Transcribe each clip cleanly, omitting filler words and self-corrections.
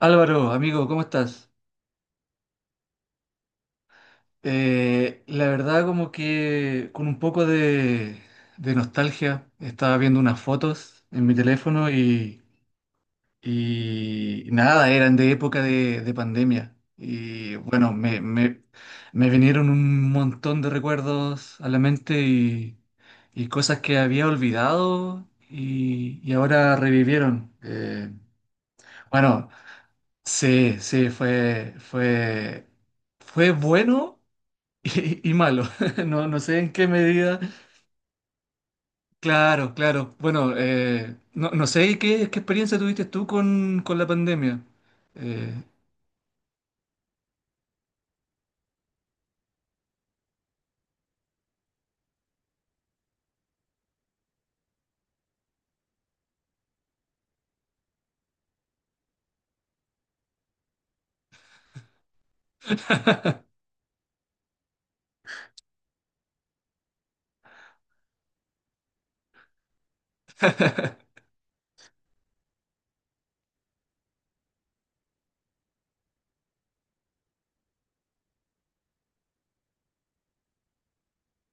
Álvaro, amigo, ¿cómo estás? La verdad como que con un poco de nostalgia estaba viendo unas fotos en mi teléfono y nada, eran de época de pandemia. Y bueno, me vinieron un montón de recuerdos a la mente y cosas que había olvidado y ahora revivieron. Bueno, sí, sí, fue bueno. Y malo, no, no sé en qué medida. Claro, claro. Bueno, no, no sé qué experiencia tuviste tú con la pandemia. Eh,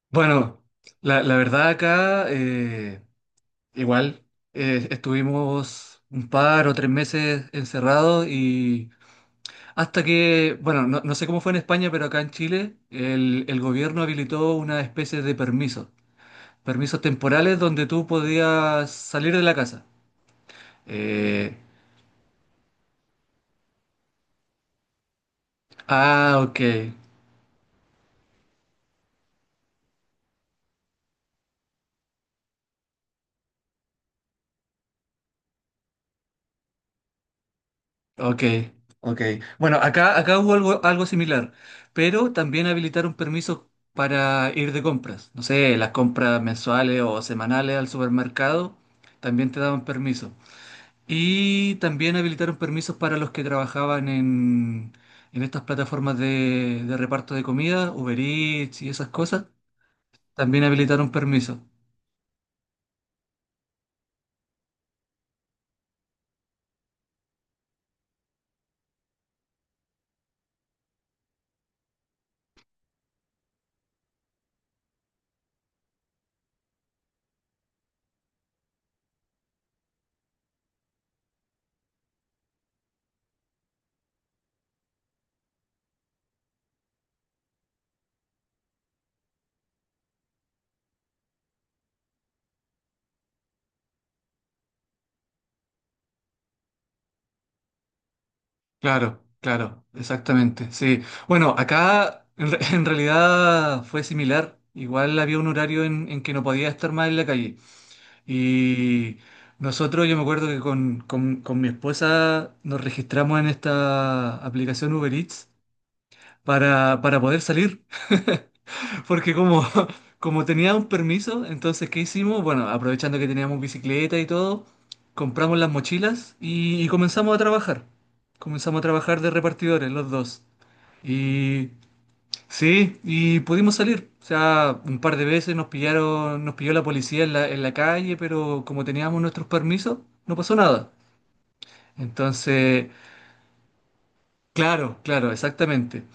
Bueno, la verdad acá igual estuvimos un par o tres meses encerrados y hasta que, bueno, no, no sé cómo fue en España, pero acá en Chile el gobierno habilitó una especie de permiso, permisos temporales donde tú podías salir de la casa. Eh, ah, ok, ok, ok. Bueno, acá hubo algo similar, pero también habilitaron permisos para ir de compras. No sé, las compras mensuales o semanales al supermercado también te daban permiso. Y también habilitaron permisos para los que trabajaban en estas plataformas de reparto de comida, Uber Eats y esas cosas. También habilitaron permisos. Claro, claro, exactamente, sí. Bueno, en realidad fue similar. Igual había un horario en que no podía estar más en la calle. Y nosotros, yo me acuerdo que con mi esposa nos registramos en esta aplicación Uber Eats para poder salir. Porque como, como tenía un permiso, entonces, ¿qué hicimos? Bueno, aprovechando que teníamos bicicleta y todo, compramos las mochilas y comenzamos a trabajar. Comenzamos a trabajar de repartidores, los dos. Y sí, y pudimos salir. O sea, un par de veces nos pillaron, nos pilló la policía en en la calle, pero como teníamos nuestros permisos, no pasó nada. Entonces, claro, claro, exactamente.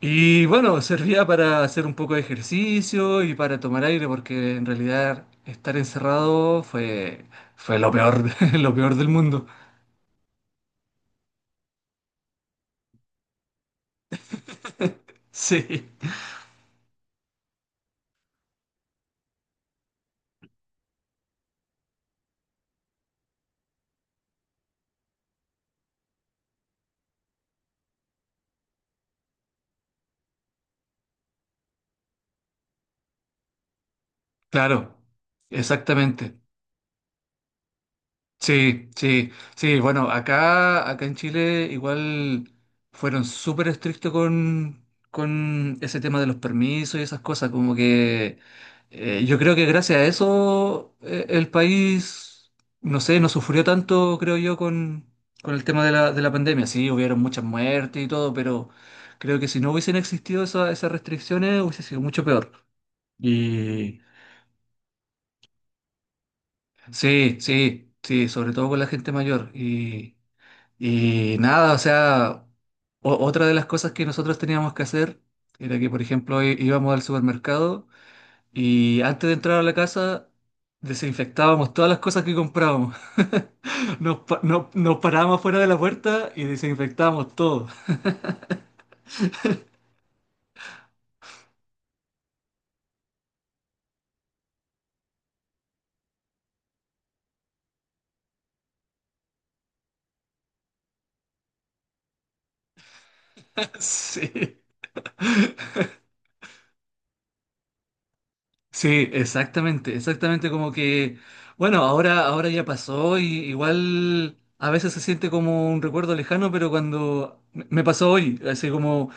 Y bueno, servía para hacer un poco de ejercicio y para tomar aire, porque en realidad estar encerrado fue lo peor, lo peor del mundo. Sí, claro, exactamente. Sí, sí, sí. Bueno, acá en Chile igual fueron súper estrictos con ese tema de los permisos y esas cosas. Como que yo creo que gracias a eso el país, no sé, no sufrió tanto, creo yo, con el tema de de la pandemia. Sí, hubieron muchas muertes y todo, pero creo que si no hubiesen existido esas restricciones hubiese sido mucho peor. Y sí, sí, sí, sobre todo con la gente mayor. Y. Y nada, o sea, otra de las cosas que nosotros teníamos que hacer era que, por ejemplo, íbamos al supermercado y antes de entrar a la casa desinfectábamos todas las cosas que comprábamos. Nos, pa- no- Nos parábamos fuera de la puerta y desinfectábamos todo. Sí. Sí, exactamente, exactamente como que, bueno, ahora ya pasó y igual a veces se siente como un recuerdo lejano, pero cuando me pasó hoy, así como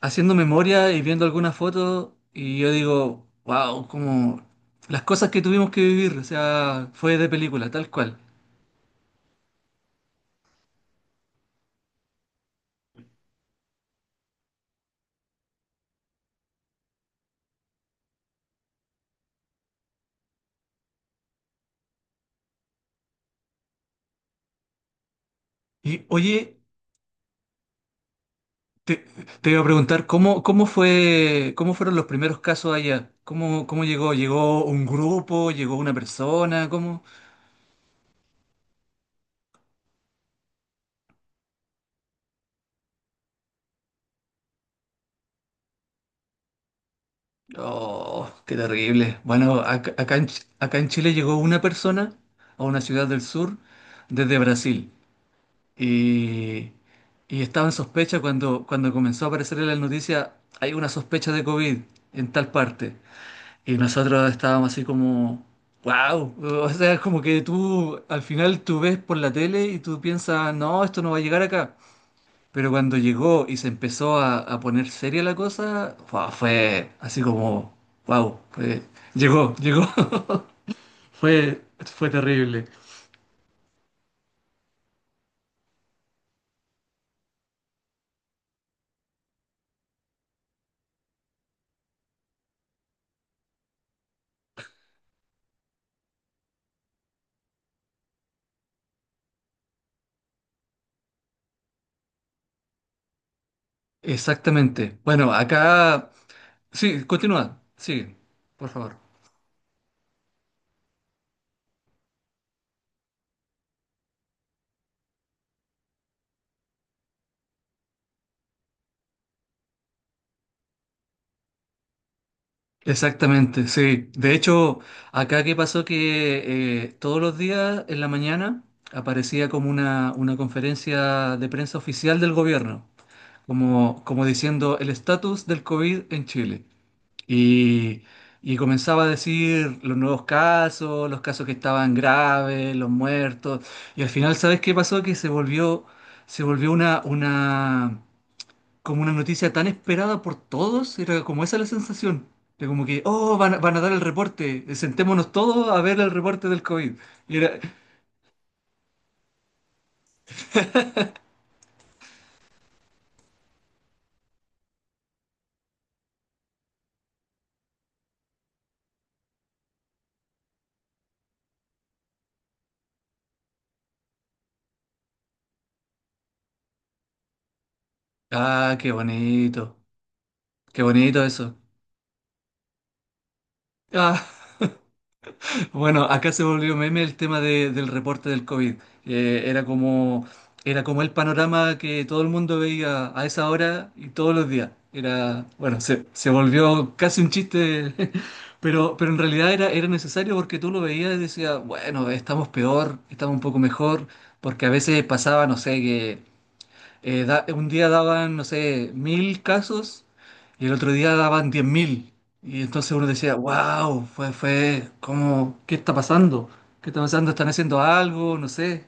haciendo memoria y viendo algunas fotos y yo digo, wow, como las cosas que tuvimos que vivir, o sea, fue de película, tal cual. Y oye, te, te iba a preguntar, ¿cómo fueron los primeros casos allá? ¿Cómo llegó? ¿Llegó un grupo? ¿Llegó una persona? ¿Cómo? Oh, qué terrible. Bueno, acá en Chile llegó una persona a una ciudad del sur desde Brasil. Y, y estaba en sospecha cuando, cuando comenzó a aparecer en las noticias, hay una sospecha de COVID en tal parte. Y nosotros estábamos así como, wow, o sea, es como que tú al final tú ves por la tele y tú piensas, no, esto no va a llegar acá. Pero cuando llegó y se empezó a poner seria la cosa, fue así como, wow, llegó, llegó. Fue, fue terrible. Exactamente. Bueno, acá... Sí, continúa, sigue, por favor. Exactamente, sí. De hecho, acá qué pasó que todos los días en la mañana aparecía como una conferencia de prensa oficial del gobierno, como, como diciendo el estatus del COVID en Chile. Y, y comenzaba a decir los nuevos casos, los casos que estaban graves, los muertos. Y al final, ¿sabes qué pasó? Que se volvió una como una noticia tan esperada por todos, era como esa la sensación. De como que, oh, van a dar el reporte, sentémonos todos a ver el reporte del COVID. Y era, ah, qué bonito eso. Ah, bueno, acá se volvió meme el tema del reporte del COVID. Eh, era como, era como el panorama que todo el mundo veía a esa hora y todos los días. Era, bueno, se volvió casi un chiste, pero en realidad era necesario porque tú lo veías y decías, bueno, estamos peor, estamos un poco mejor, porque a veces pasaba, no sé, que un día daban, no sé, 1.000 casos y el otro día daban 10.000. Y entonces uno decía, wow, ¿cómo? ¿Qué está pasando? ¿Qué está pasando? ¿Están haciendo algo? No sé.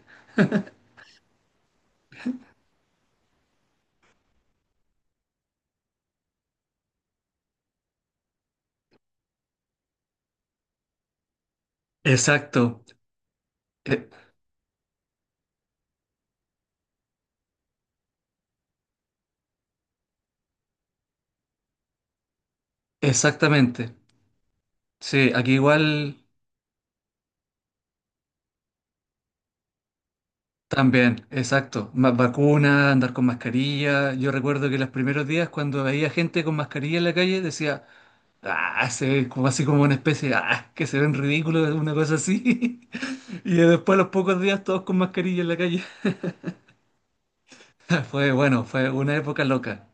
Exacto, e- exactamente. Sí, aquí igual también, exacto. Más vacuna andar con mascarilla. Yo recuerdo que los primeros días cuando veía gente con mascarilla en la calle decía, ah, se ve como así como una especie de, ah, que se ven ridículos, una cosa así. Y después a los pocos días todos con mascarilla en la calle. Fue bueno, fue una época loca.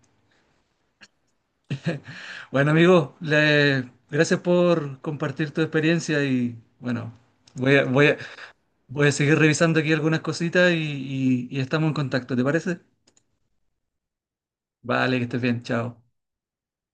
Bueno, amigo, gracias por compartir tu experiencia y bueno, voy a, voy a, voy a seguir revisando aquí algunas cositas y y estamos en contacto, ¿te parece? Vale, que estés bien, chao.